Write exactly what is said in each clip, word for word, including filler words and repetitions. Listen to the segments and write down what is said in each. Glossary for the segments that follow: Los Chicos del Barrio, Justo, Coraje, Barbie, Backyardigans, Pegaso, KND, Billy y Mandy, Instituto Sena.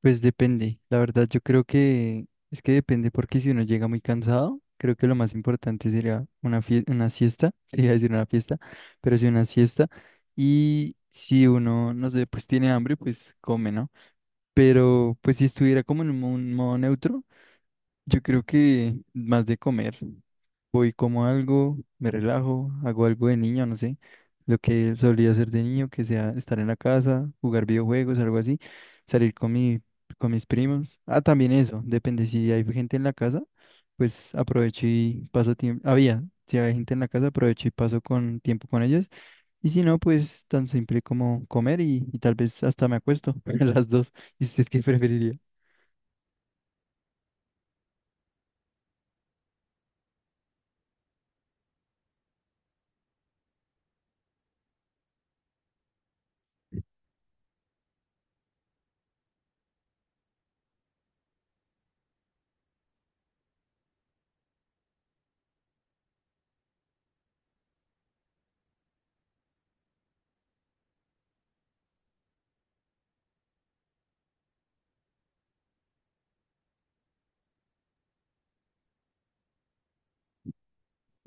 Pues depende, la verdad yo creo que es que depende porque si uno llega muy cansado, creo que lo más importante sería una fie- una siesta, iba a decir una fiesta, pero sí una siesta. Y si uno, no sé, pues tiene hambre, pues come, ¿no? Pero pues si estuviera como en un mo- un modo neutro, yo creo que más de comer. Voy como algo, me relajo, hago algo de niño, no sé, lo que solía hacer de niño, que sea estar en la casa, jugar videojuegos, algo así, salir con mi, con mis primos. Ah, también eso, depende si hay gente en la casa, pues aprovecho y paso tiempo. Había, si hay gente en la casa, aprovecho y paso con tiempo con ellos. Y si no, pues tan simple como comer y, y tal vez hasta me acuesto, a las dos. ¿Y usted qué preferiría?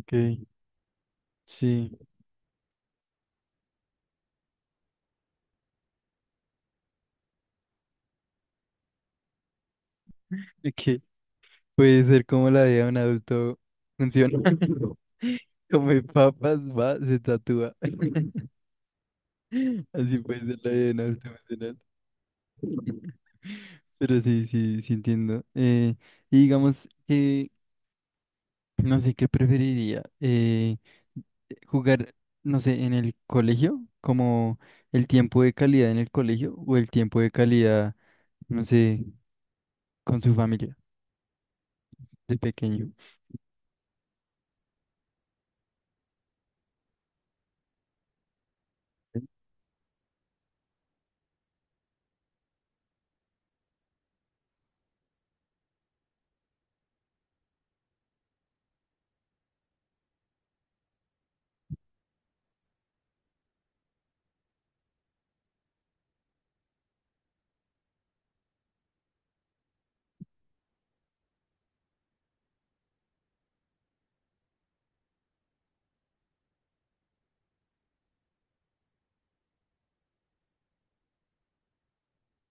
Ok, sí. Ok. Puede ser como la vida de un adulto funciona. Come papas, va, se tatúa. Así puede ser la vida de un adulto funcional. Pero sí, sí, sí entiendo. Eh, y digamos que no sé qué preferiría. eh, jugar, no sé, en el colegio, como el tiempo de calidad en el colegio o el tiempo de calidad, no sé, con su familia de pequeño.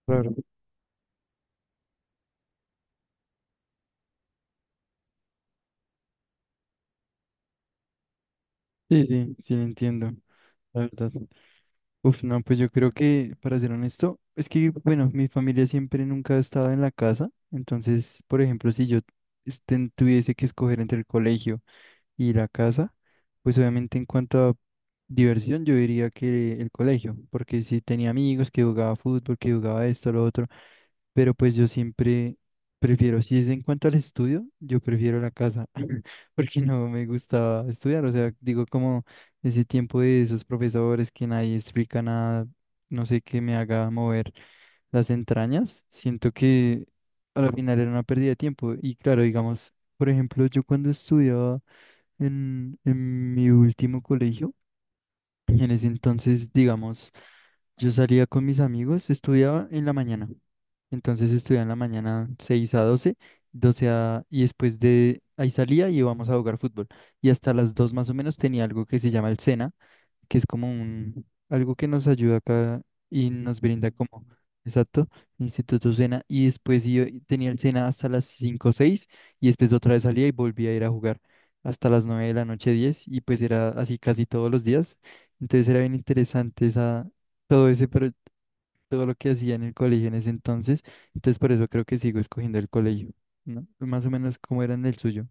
Claro. Sí, sí, sí, lo entiendo, la verdad. Uf, no, pues yo creo que, para ser honesto, es que, bueno, mi familia siempre nunca ha estado en la casa, entonces, por ejemplo, si yo esten- tuviese que escoger entre el colegio y la casa, pues obviamente en cuanto a diversión, yo diría que el colegio, porque si tenía amigos que jugaba fútbol, que jugaba esto, lo otro, pero pues yo siempre prefiero, si es en cuanto al estudio, yo prefiero la casa, porque no me gustaba estudiar, o sea, digo como ese tiempo de esos profesores que nadie explica nada, no sé qué me haga mover las entrañas, siento que a la final era una pérdida de tiempo. Y claro, digamos, por ejemplo, yo cuando estudiaba en, en mi último colegio, en ese entonces, digamos, yo salía con mis amigos, estudiaba en la mañana. Entonces estudiaba en la mañana seis a doce, doce a... y después de ahí salía y íbamos a jugar fútbol. Y hasta las dos más o menos tenía algo que se llama el SENA, que es como un algo que nos ayuda acá y nos brinda como, exacto, Instituto Sena. Y después yo tenía el Sena hasta las cinco o seis y después otra vez salía y volvía a ir a jugar hasta las nueve de la noche, diez y pues era así casi todos los días, entonces era bien interesante esa, todo ese, pero todo lo que hacía en el colegio en ese entonces. Entonces por eso creo que sigo escogiendo el colegio, ¿no? Más o menos como era en el suyo.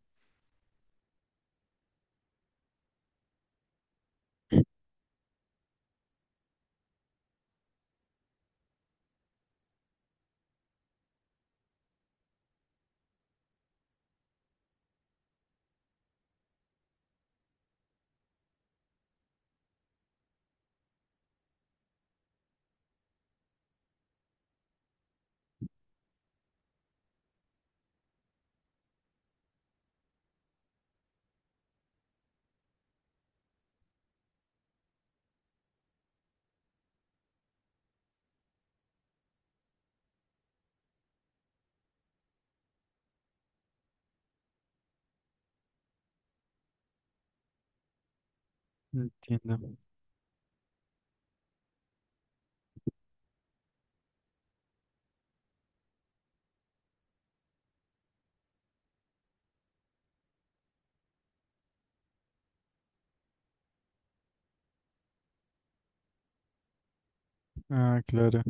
Entiendo. Ah, claro.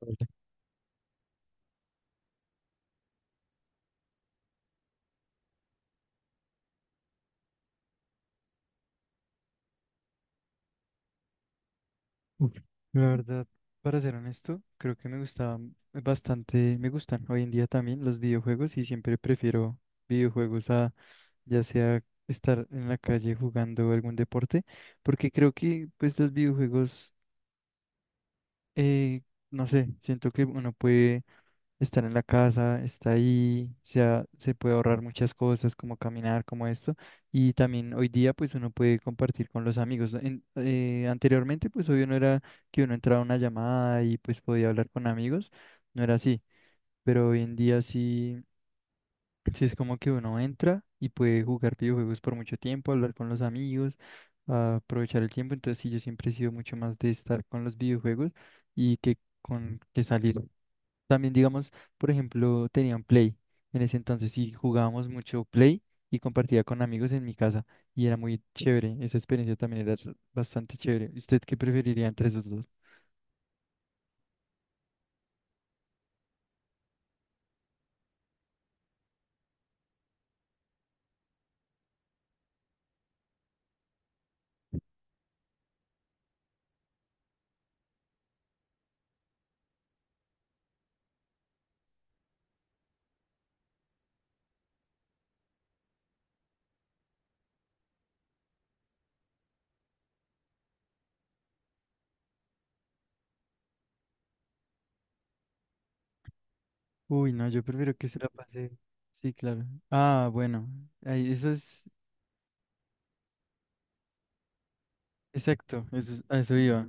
Vale. Uf, la verdad, para ser honesto, creo que me gustaban bastante, me gustan hoy en día también los videojuegos y siempre prefiero videojuegos a ya sea estar en la calle jugando algún deporte, porque creo que pues los videojuegos, eh, no sé, siento que uno puede estar en la casa, está ahí, se, ha- se puede ahorrar muchas cosas como caminar, como esto, y también hoy día pues uno puede compartir con los amigos. En- eh, anteriormente pues obvio no era que uno entraba a una llamada y pues podía hablar con amigos, no era así, pero hoy en día sí, sí es como que uno entra y puede jugar videojuegos por mucho tiempo, hablar con los amigos, ah, aprovechar el tiempo, entonces sí, yo siempre he sido mucho más de estar con los videojuegos y que con que salir. También, digamos, por ejemplo, tenían Play en ese entonces y jugábamos mucho Play y compartía con amigos en mi casa y era muy chévere. Esa experiencia también era r- bastante chévere. ¿Usted qué preferiría entre esos dos? Uy, no, yo prefiero que se la pase. Sí, claro. Ah, bueno, ahí, eso es exacto, eso es- a eso iba.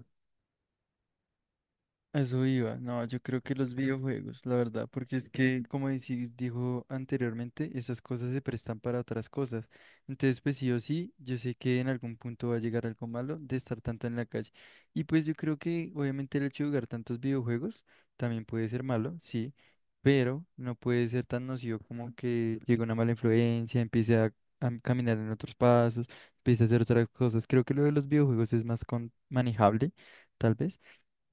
A eso iba, no, yo creo que los videojuegos, la verdad, porque es que, como deci- dijo anteriormente, esas cosas se prestan para otras cosas. Entonces, pues sí o sí, yo sé que en algún punto va a llegar algo malo de estar tanto en la calle. Y pues yo creo que, obviamente, el hecho de jugar tantos videojuegos también puede ser malo, sí, pero no puede ser tan nocivo como que llegue una mala influencia, empiece a, a caminar en otros pasos, empiece a hacer otras cosas. Creo que lo de los videojuegos es más con manejable, tal vez.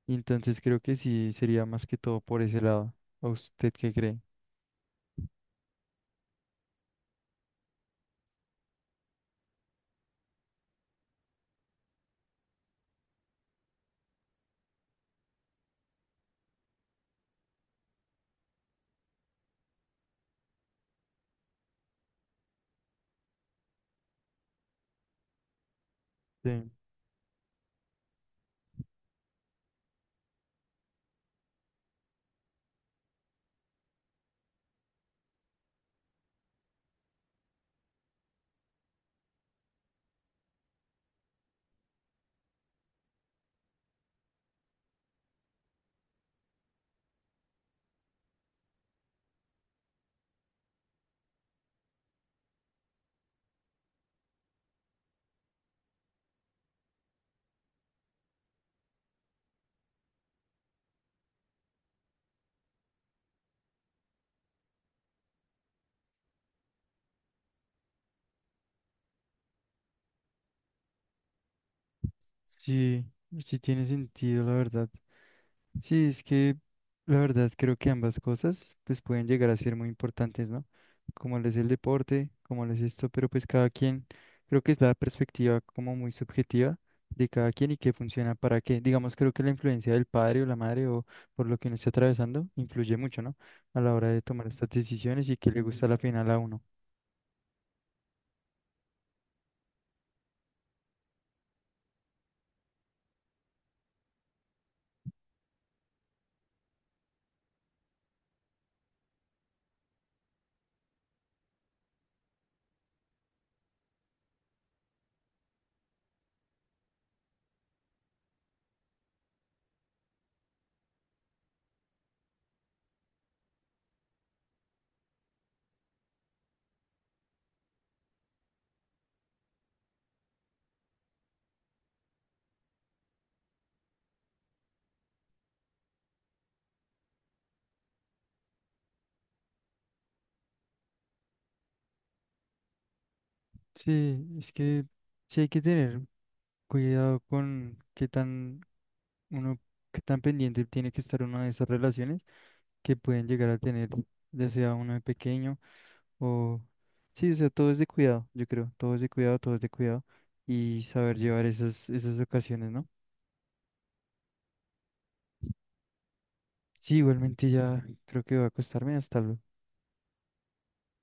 Entonces creo que sí sería más que todo por ese lado. ¿A usted qué cree? Sí, sí, sí tiene sentido, la verdad. Sí, es que la verdad creo que ambas cosas pues pueden llegar a ser muy importantes, ¿no? Como les el deporte, como les esto, pero pues cada quien, creo que es la perspectiva como muy subjetiva de cada quien y qué funciona para qué. Digamos, creo que la influencia del padre o la madre o por lo que uno esté atravesando influye mucho, ¿no? A la hora de tomar estas decisiones y qué le gusta a la final a uno. Sí, es que sí hay que tener cuidado con qué tan uno, que tan pendiente tiene que estar una de esas relaciones que pueden llegar a tener, ya sea uno de pequeño o... Sí, o sea, todo es de cuidado, yo creo, todo es de cuidado, todo es de cuidado y saber llevar esas, esas ocasiones, ¿no? Sí, igualmente ya creo que va a acostarme hasta luego.